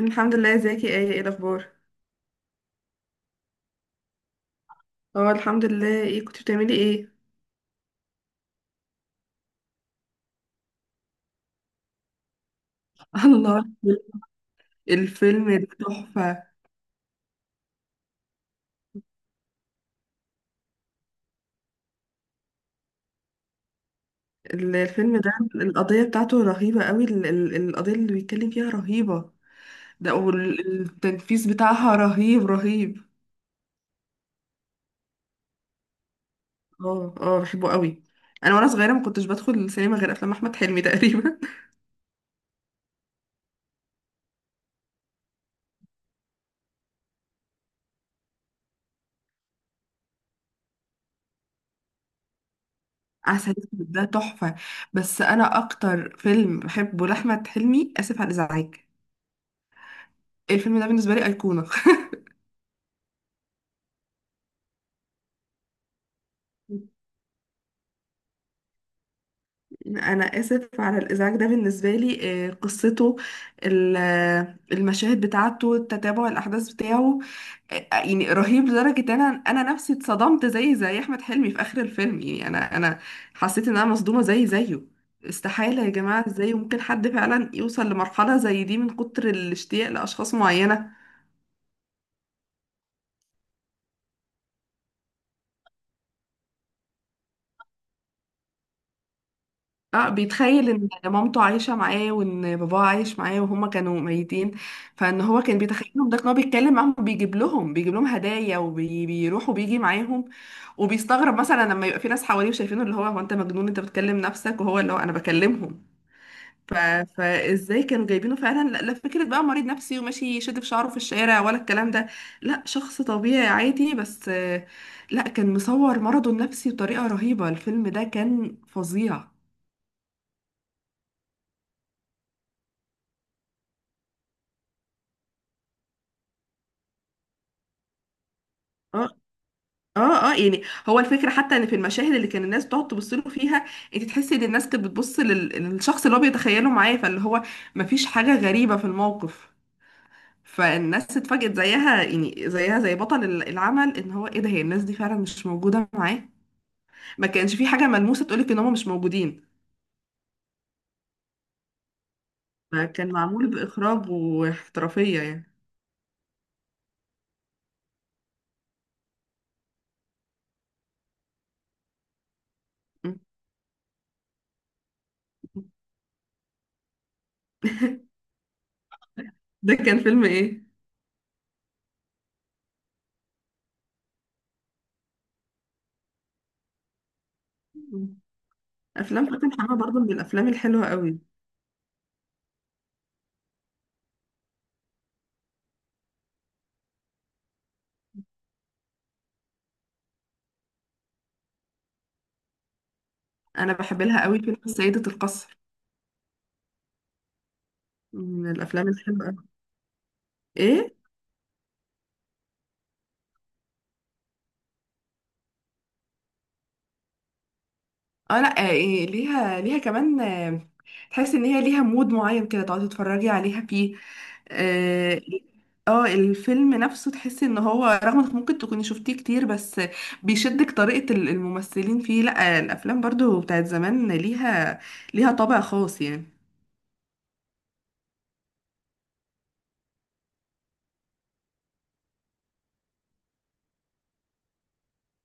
الحمد لله، ازيك يا، ايه الاخبار؟ اه، الحمد لله. ايه، كنت بتعملي ايه؟ الله! الفيلم ده تحفة. الفيلم ده القضية بتاعته رهيبة قوي. القضية اللي بيتكلم فيها رهيبة. ده، والتنفيذ بتاعها رهيب رهيب. اه، اه، بحبه قوي. انا وانا صغيرة، ما كنتش بدخل السينما غير افلام احمد حلمي تقريبا. عسل اسود ده تحفة. بس انا اكتر فيلم بحبه لاحمد حلمي، اسف على الازعاج. الفيلم ده بالنسبة لي ايقونة. انا، اسف على الازعاج، ده بالنسبه لي. قصته، المشاهد بتاعته، تتابع الاحداث بتاعه. يعني رهيب لدرجه ان انا نفسي اتصدمت زي احمد حلمي في اخر الفيلم. يعني انا حسيت ان انا مصدومه زي زيه. استحاله يا جماعه! ازاي ممكن حد فعلا يوصل لمرحله زي دي من كتر الاشتياق لاشخاص معينه؟ اه، بيتخيل ان مامته عايشة معاه، وان باباه عايش معاه، وهما كانوا ميتين. فان هو كان بيتخيلهم، ده ان هو بيتكلم معاهم، وبيجيب لهم بيجيب لهم هدايا، وبيروح وبيجي معاهم. وبيستغرب مثلا لما يبقى في ناس حواليه وشايفينه، اللي هو، هو انت مجنون، انت بتكلم نفسك، وهو اللي هو، انا بكلمهم. ف... فازاي كانوا جايبينه فعلا؟ لا، لا، فكرة بقى مريض نفسي وماشي يشد في شعره في الشارع ولا الكلام ده. لا، شخص طبيعي عادي، بس لا، كان مصور مرضه النفسي بطريقة رهيبة. الفيلم ده كان فظيع. اه، اه، اه، يعني هو الفكره، حتى ان في المشاهد اللي كان الناس بتقعد تبص له فيها، انت تحسي ان الناس كانت بتبص للشخص اللي هو بيتخيله معاه، فاللي هو مفيش حاجه غريبه في الموقف. فالناس اتفاجئت زيها، يعني زيها زي بطل العمل، ان هو ايه ده، هي الناس دي فعلا مش موجوده معاه. ما كانش في حاجه ملموسه تقولك ان هم مش موجودين. فكان معمول باخراج واحترافيه يعني. ده كان فيلم ايه؟ افلام فاتن حمامه برضو من الافلام الحلوه قوي. انا بحب لها قوي فيلم سيده القصر، من الافلام الحلوه. ايه. اه، لا، إيه، ليها كمان، تحس ان هي ليها مود معين كده تقعدي تتفرجي عليها فيه. اه، إيه، الفيلم نفسه تحسي ان هو رغم انك ممكن تكوني شفتيه كتير، بس بيشدك طريقة الممثلين فيه. لا، الافلام برضو بتاعت زمان ليها طابع خاص يعني.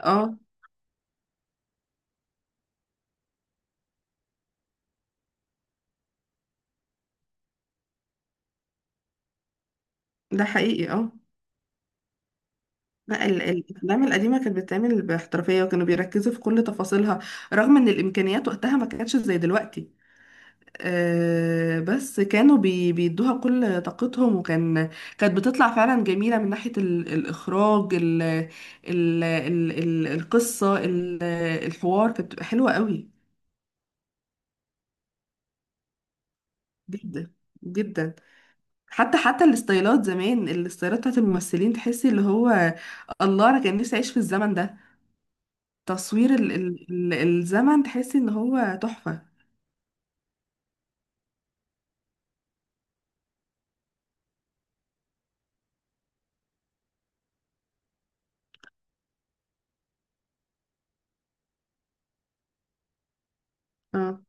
اه، ده حقيقي. اه، لا، الافلام القديمه كانت بتتعمل باحترافيه، وكانوا بيركزوا في كل تفاصيلها، رغم ان الامكانيات وقتها ما كانتش زي دلوقتي. بس كانوا بيدوها كل طاقتهم، وكان كانت بتطلع فعلا جميلة، من ناحية الإخراج، ال ال ال ال القصة، الحوار كانت بتبقى حلوة قوي. جدا، جدا. حتى الستايلات زمان، الستايلات بتاعت الممثلين تحسي اللي هو، الله! أنا كان نفسي أعيش في الزمن ده. تصوير ال ال ال الزمن تحسي إن هو تحفة. اه،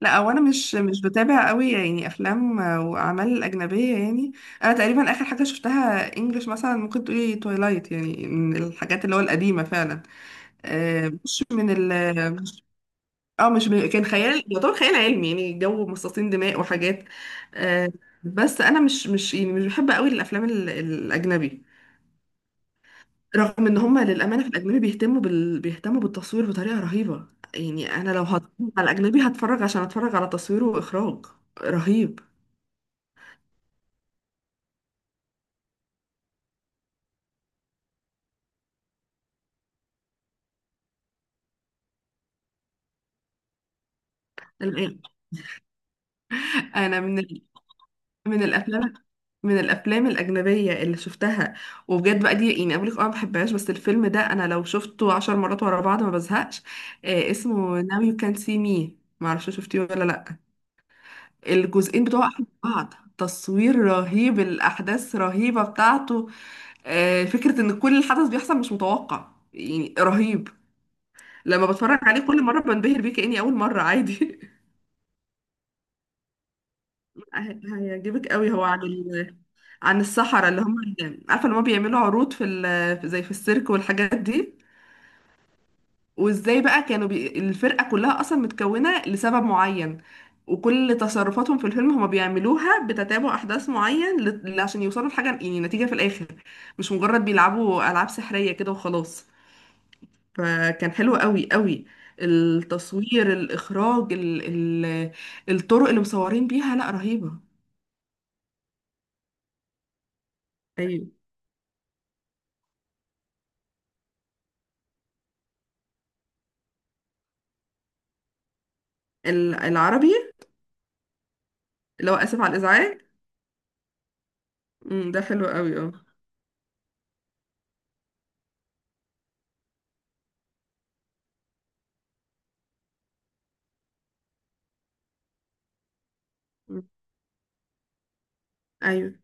لا، هو انا مش بتابع قوي يعني افلام واعمال اجنبيه يعني. انا تقريبا اخر حاجه شفتها انجلش، مثلا ممكن تقولي تويلايت، يعني من الحاجات اللي هو القديمه فعلا. آه، مش من ال مش- اه، مش من... كان خيال، يعتبر خيال علمي، يعني جو مصاصين دماء وحاجات. آه، بس انا مش يعني مش بحب قوي الافلام الاجنبي، رغم ان هم للامانه في الاجنبي بيهتموا بالتصوير بطريقه رهيبه. يعني انا لو هتفرج على الاجنبي، هتفرج عشان اتفرج على تصويره واخراج رهيب. الآن، انا من الافلام، من الافلام الاجنبيه اللي شفتها، وبجد بقى دي، يعني اقول لك اه ما بحبهاش، بس الفيلم ده انا لو شفته 10 مرات ورا بعض ما بزهقش. اسمه Now You Can See Me. ما اعرفش، شفتيه ولا لا؟ الجزئين بتوعه احلى من بعض. تصوير رهيب. الاحداث رهيبه بتاعته. فكرة ان كل الحدث بيحصل مش متوقع، يعني رهيب. لما بتفرج عليه كل مرة بنبهر بيه كأني أول مرة عادي. هيعجبك قوي، هو عن عن السحرة اللي هم عارفة اللي هم بيعملوا عروض في زي في السيرك والحاجات دي. وازاي بقى كانوا الفرقة كلها أصلا متكونة لسبب معين، وكل تصرفاتهم في الفيلم هم بيعملوها بتتابع أحداث معين، عشان يوصلوا لحاجة، يعني نتيجة في الآخر، مش مجرد بيلعبوا ألعاب سحرية كده وخلاص. فكان حلو قوي قوي، التصوير، الإخراج، ال ال الطرق اللي مصورين بيها، لا رهيبة. أيوة، العربي، اللي هو آسف على الإزعاج. مم، ده حلو قوي، اه. مم، أيوه،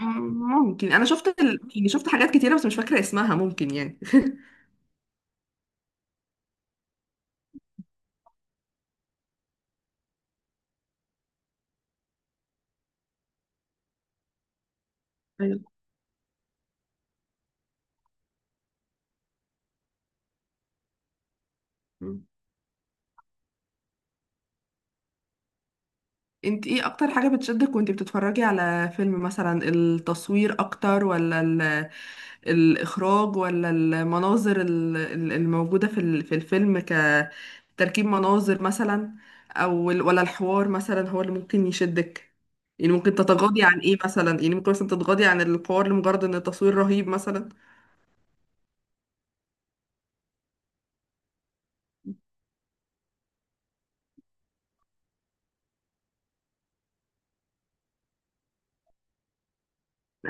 مم، ممكن. أنا شفت يعني شفت حاجات كتيرة بس مش فاكرة اسمها، ممكن يعني. أيوه. مم. انت، ايه اكتر حاجة بتشدك وانت بتتفرجي على فيلم؟ مثلا التصوير اكتر، ولا الإخراج، ولا المناظر الموجودة في في الفيلم كتركيب مناظر مثلا، أو ولا الحوار مثلا هو اللي ممكن يشدك؟ يعني ممكن تتغاضي عن إيه مثلا؟ يعني ممكن مثلا تتغاضي عن الحوار لمجرد إن التصوير رهيب مثلا؟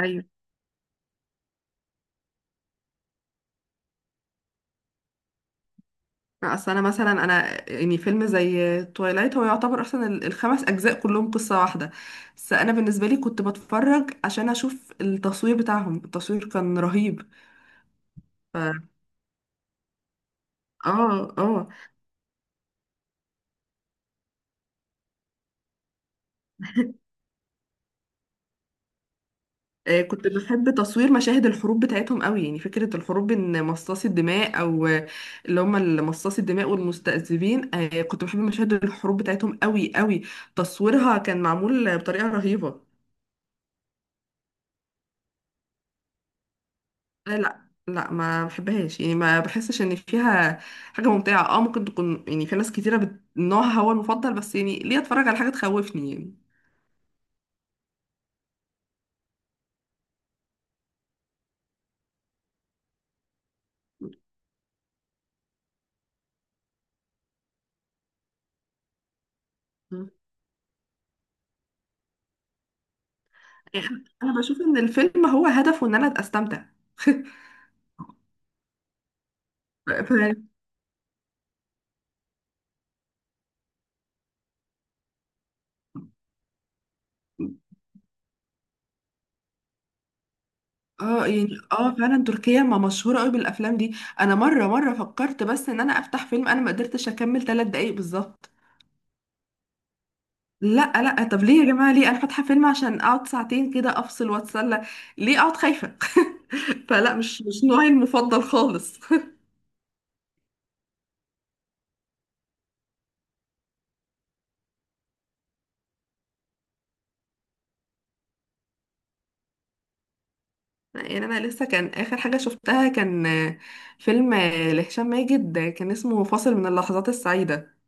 أيوة. أصل أنا مثلا، أنا يعني فيلم زي تويلايت هو يعتبر أصلا الخمس أجزاء كلهم قصة واحدة، بس أنا بالنسبة لي كنت بتفرج عشان أشوف التصوير بتاعهم، التصوير كان رهيب. ف... اه، اه. كنت بحب تصوير مشاهد الحروب بتاعتهم قوي، يعني فكرة الحروب، ان مصاصي الدماء، او اللي هم مصاصي الدماء والمستذئبين. كنت بحب مشاهد الحروب بتاعتهم قوي قوي، تصويرها كان معمول بطريقة رهيبة. لا، لا، لا، ما بحبهاش، يعني ما بحسش ان فيها حاجة ممتعة. اه، ممكن تكون يعني في ناس كتيرة نوعها هو المفضل، بس يعني ليه اتفرج على حاجة تخوفني يعني؟ م. انا بشوف ان الفيلم هو هدفه ان انا استمتع. ف... اه، يعني، اه، فعلا تركيا ما مشهوره قوي بالافلام دي. انا مره مره فكرت بس ان انا افتح فيلم، انا ما قدرتش اكمل 3 دقايق بالظبط. لا، لا، طب ليه يا جماعه، ليه انا فاتحه فيلم عشان اقعد ساعتين كده افصل واتسلى؟ ليه اقعد خايفه؟ فلا، مش نوعي المفضل خالص. يعني انا لسه كان اخر حاجه شفتها، كان فيلم لهشام ماجد، كان اسمه فاصل من اللحظات السعيده.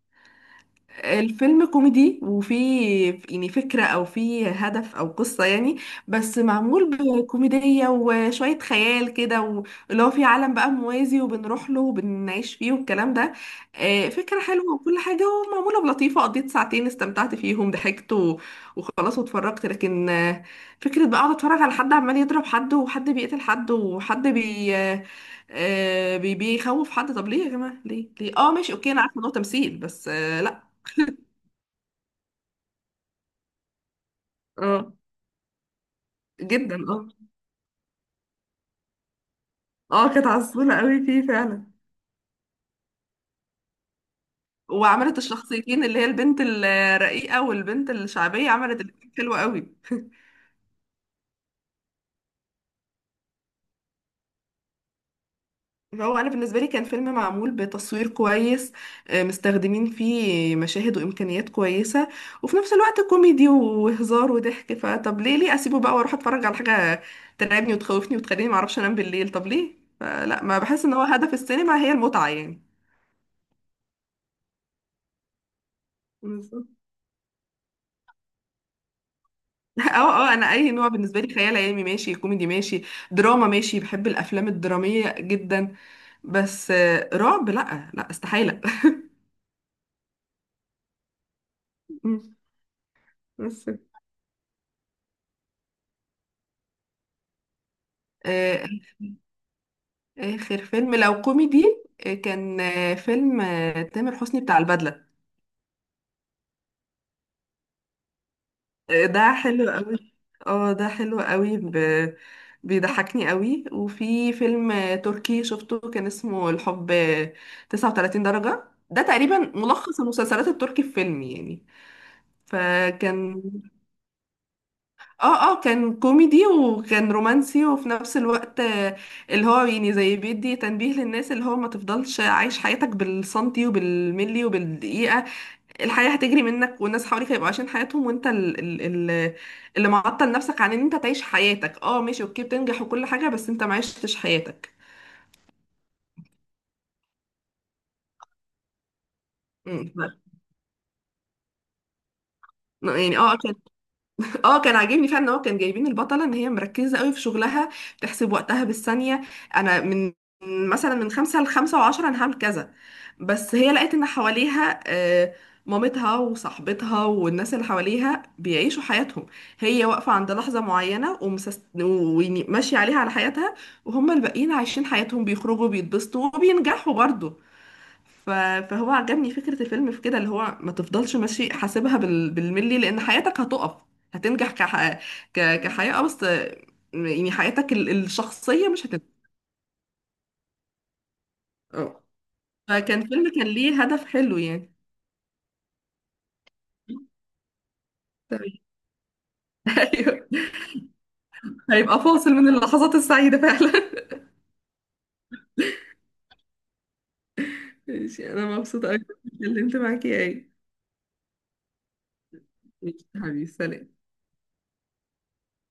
الفيلم كوميدي، وفيه يعني فكرة، أو فيه هدف أو قصة يعني، بس معمول بكوميدية وشوية خيال كده، واللي هو فيه عالم بقى موازي، وبنروح له وبنعيش فيه والكلام ده. فكرة حلوة وكل حاجة، ومعمولة بلطيفة. قضيت ساعتين استمتعت فيهم، ضحكت وخلاص واتفرجت. لكن فكرة بقى أقعد أتفرج على حد عمال يضرب حد، وحد بيقتل حد، وحد بي آه، آه، بي- بيخوف حد، طب ليه يا جماعة، ليه ليه اه، ماشي، اوكي، انا عارفه ان هو تمثيل، بس لا. اه، جدا، اه. اه، كانت عسولة قوي فيه فعلا، وعملت الشخصيتين اللي هي البنت الرقيقة والبنت الشعبية، عملت الاتنين حلوة قوي. فهو أنا بالنسبة لي كان فيلم معمول بتصوير كويس، مستخدمين فيه مشاهد وإمكانيات كويسة، وفي نفس الوقت كوميدي وهزار وضحك. فطب ليه، ليه أسيبه بقى وأروح أتفرج على حاجة ترعبني وتخوفني وتخليني معرفش أنام بالليل؟ طب ليه؟ فلا، ما بحس إن هو هدف السينما هي المتعة يعني. بالظبط. اه، اه، انا اي نوع بالنسبه لي، خيال علمي ماشي، كوميدي ماشي، دراما ماشي، بحب الافلام الدراميه جدا. بس رعب لا، لا، استحاله. مم. بس، آه، اخر فيلم لو كوميدي، كان فيلم تامر حسني، بتاع البدله. ده حلو قوي، اه. ده حلو قوي. بيضحكني قوي. وفي فيلم تركي شفته، كان اسمه الحب 39 درجه. ده تقريبا ملخص المسلسلات التركي في فيلم يعني. فكان، اه، اه، كان كوميدي وكان رومانسي، وفي نفس الوقت اللي هو يعني زي بيدي تنبيه للناس، اللي هو ما تفضلش عايش حياتك بالسنتي وبالملي وبالدقيقة. الحياة هتجري منك، والناس حواليك هيبقوا عايشين حياتهم، وانت اللي معطل نفسك عن ان انت تعيش حياتك. اه، ماشي، اوكي، بتنجح وكل حاجة، بس انت ما عشتش حياتك. مم. يعني، اه. اه، كان عاجبني فعلا ان هو كان جايبين البطله ان هي مركزه قوي في شغلها، بتحسب وقتها بالثانيه. انا، من مثلا من خمسة لخمسة وعشرة انا هعمل كذا. بس هي لقيت ان حواليها مامتها وصاحبتها والناس اللي حواليها بيعيشوا حياتهم، هي واقفة عند لحظة معينة، وماشية عليها على حياتها، وهم الباقيين عايشين حياتهم، بيخرجوا بيتبسطوا وبينجحوا برضه. ف- فهو عجبني فكرة الفيلم في كده، اللي هو ما تفضلش ماشي حاسبها بالملي، لأن حياتك هتقف. هتنجح كحياة، بس يعني حياتك الشخصية مش هتنجح. اه، فكان فيلم كان ليه هدف حلو يعني. تمام. ايوه، هيبقى فاصل من اللحظات السعيدة فعلا. ماشي، أنا مبسوطة أوي إني اتكلمت معاكي أوي. ماشي حبيبي، سلام.